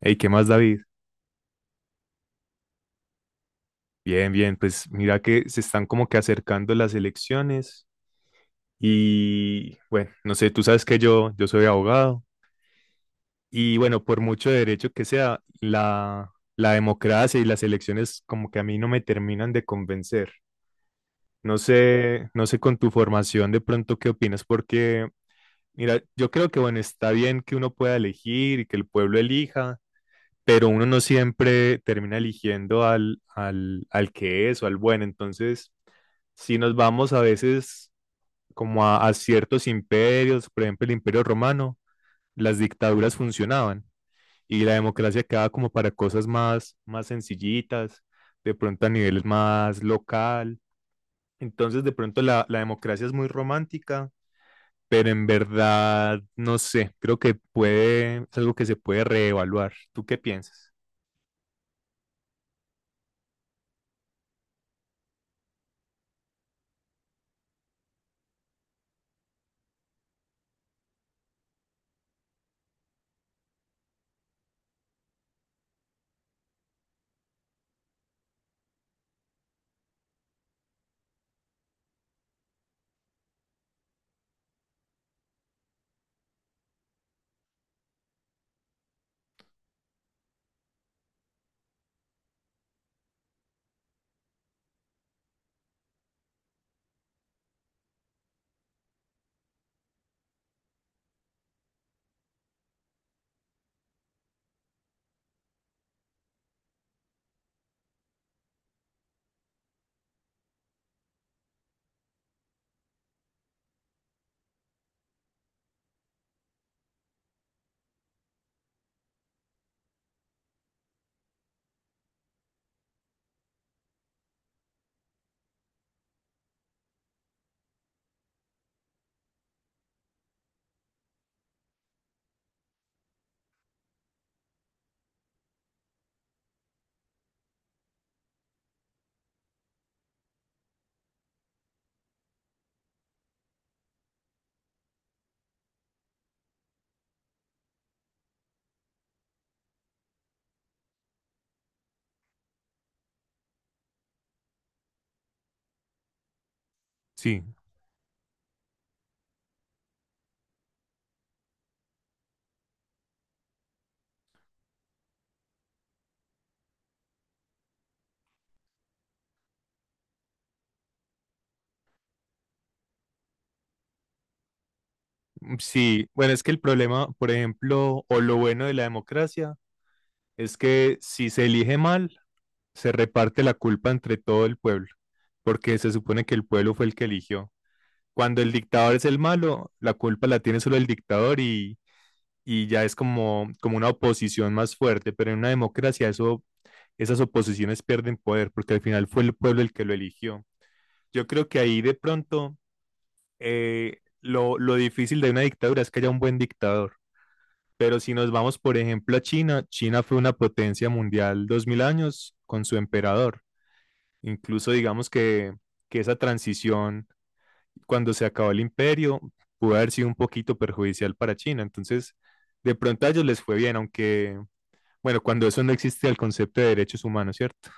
Hey, ¿qué más, David? Bien, bien, pues mira que se están como que acercando las elecciones y bueno, no sé, tú sabes que yo soy abogado y bueno, por mucho derecho que sea, la democracia y las elecciones como que a mí no me terminan de convencer. No sé con tu formación de pronto qué opinas, porque mira, yo creo que bueno, está bien que uno pueda elegir y que el pueblo elija, pero uno no siempre termina eligiendo al que es o al bueno. Entonces, si nos vamos a veces como a ciertos imperios, por ejemplo el Imperio Romano, las dictaduras funcionaban y la democracia quedaba como para cosas más, más sencillitas, de pronto a niveles más local. Entonces, de pronto la democracia es muy romántica, pero en verdad, no sé, creo que puede, es algo que se puede reevaluar. ¿Tú qué piensas? Sí. Sí, bueno, es que el problema, por ejemplo, o lo bueno de la democracia, es que si se elige mal, se reparte la culpa entre todo el pueblo, porque se supone que el pueblo fue el que eligió. Cuando el dictador es el malo, la culpa la tiene solo el dictador y ya es como, como una oposición más fuerte, pero en una democracia esas oposiciones pierden poder, porque al final fue el pueblo el que lo eligió. Yo creo que ahí de pronto lo difícil de una dictadura es que haya un buen dictador pero si nos vamos, por ejemplo, a China, China fue una potencia mundial 2000 años con su emperador. Incluso que esa transición, cuando se acabó el imperio, pudo haber sido un poquito perjudicial para China. Entonces, de pronto a ellos les fue bien, aunque, bueno, cuando eso no existe el concepto de derechos humanos, ¿cierto?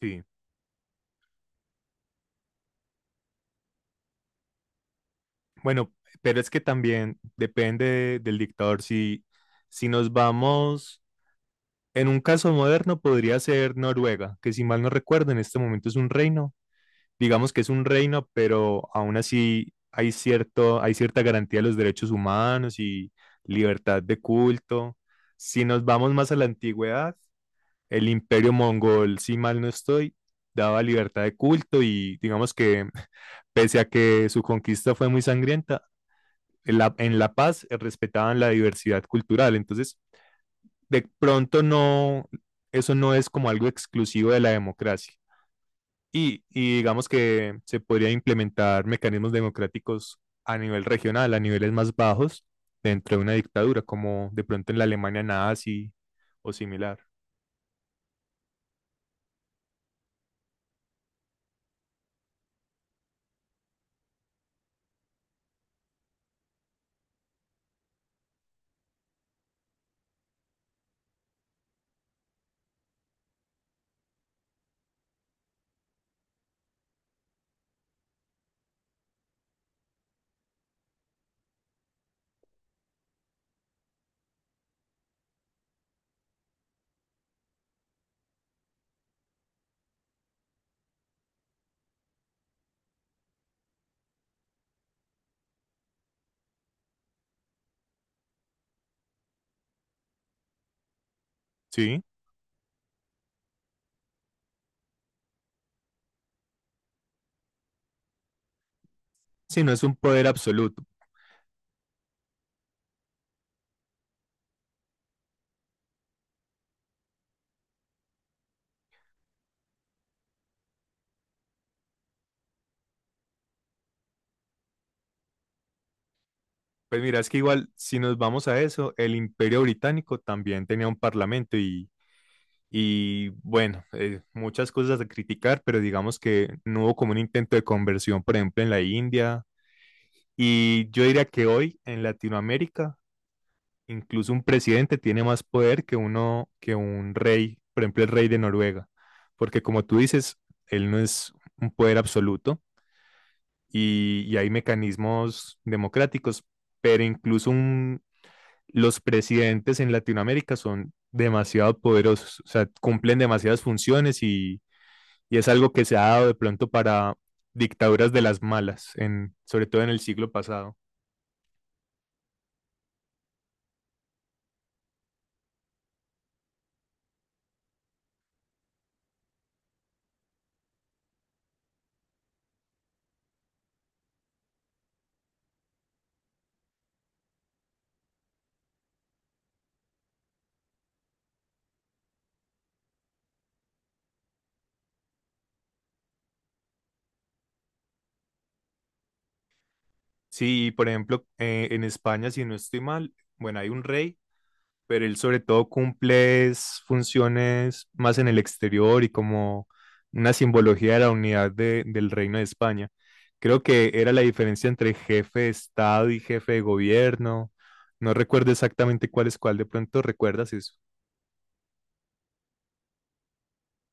Sí. Bueno, pero es que también depende del dictador. Si, si nos vamos, en un caso moderno podría ser Noruega, que si mal no recuerdo, en este momento es un reino. Digamos que es un reino, pero aún así hay cierto, hay cierta garantía de los derechos humanos y libertad de culto. Si nos vamos más a la antigüedad, el imperio mongol, si mal no estoy, daba libertad de culto y digamos que pese a que su conquista fue muy sangrienta, en La Paz respetaban la diversidad cultural. Entonces, de pronto no, eso no es como algo exclusivo de la democracia. Y digamos que se podría implementar mecanismos democráticos a nivel regional, a niveles más bajos, dentro de una dictadura, como de pronto en la Alemania nazi o similar. Sí, si no es un poder absoluto. Pues mira, es que igual, si nos vamos a eso, el Imperio Británico también tenía un parlamento y Y bueno, muchas cosas a criticar, pero digamos que no hubo como un intento de conversión, por ejemplo, en la India. Y yo diría que hoy en Latinoamérica, incluso un presidente tiene más poder que uno, que un rey, por ejemplo, el rey de Noruega, porque como tú dices, él no es un poder absoluto y hay mecanismos democráticos, pero los presidentes en Latinoamérica son demasiado poderosos, o sea, cumplen demasiadas funciones Y es algo que se ha dado de pronto para dictaduras de las malas, en, sobre todo en el siglo pasado. Sí, por ejemplo, en España, si no estoy mal, bueno, hay un rey, pero él sobre todo cumple es funciones más en el exterior y como una simbología de la unidad de- del reino de España. Creo que era la diferencia entre jefe de Estado y jefe de gobierno. No recuerdo exactamente cuál es cuál, de pronto recuerdas eso.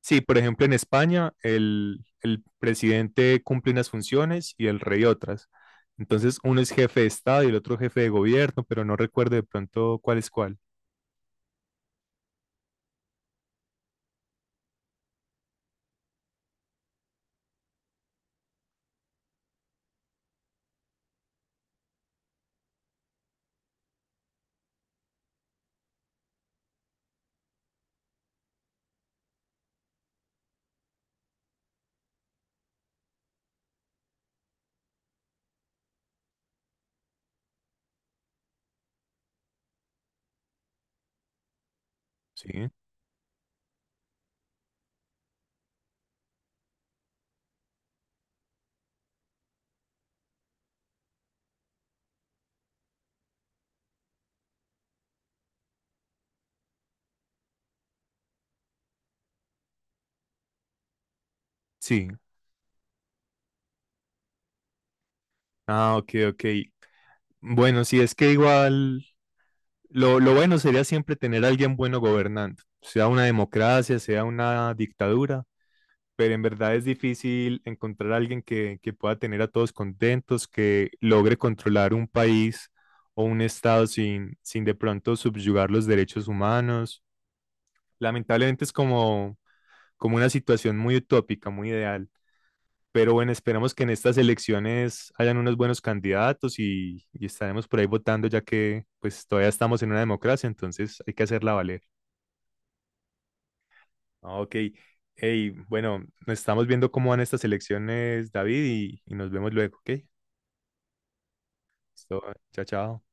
Sí, por ejemplo, en España el presidente cumple unas funciones y el rey otras. Entonces, uno es jefe de Estado y el otro jefe de gobierno, pero no recuerdo de pronto cuál es cuál. Sí, sí. Ah, ok, ok. Bueno, sí, es que igual lo bueno sería siempre tener a alguien bueno gobernando, sea una democracia, sea una dictadura. Pero en verdad es difícil encontrar a alguien que pueda tener a todos contentos, que logre controlar un país o un estado sin de pronto subyugar los derechos humanos. Lamentablemente es como, como una situación muy utópica, muy ideal. Pero bueno, esperamos que en estas elecciones hayan unos buenos candidatos y estaremos por ahí votando, ya que pues todavía estamos en una democracia, entonces hay que hacerla valer. Ah, ok. Hey, bueno, nos estamos viendo cómo van estas elecciones, David, y nos vemos luego, ¿ok? Listo, chao, chao.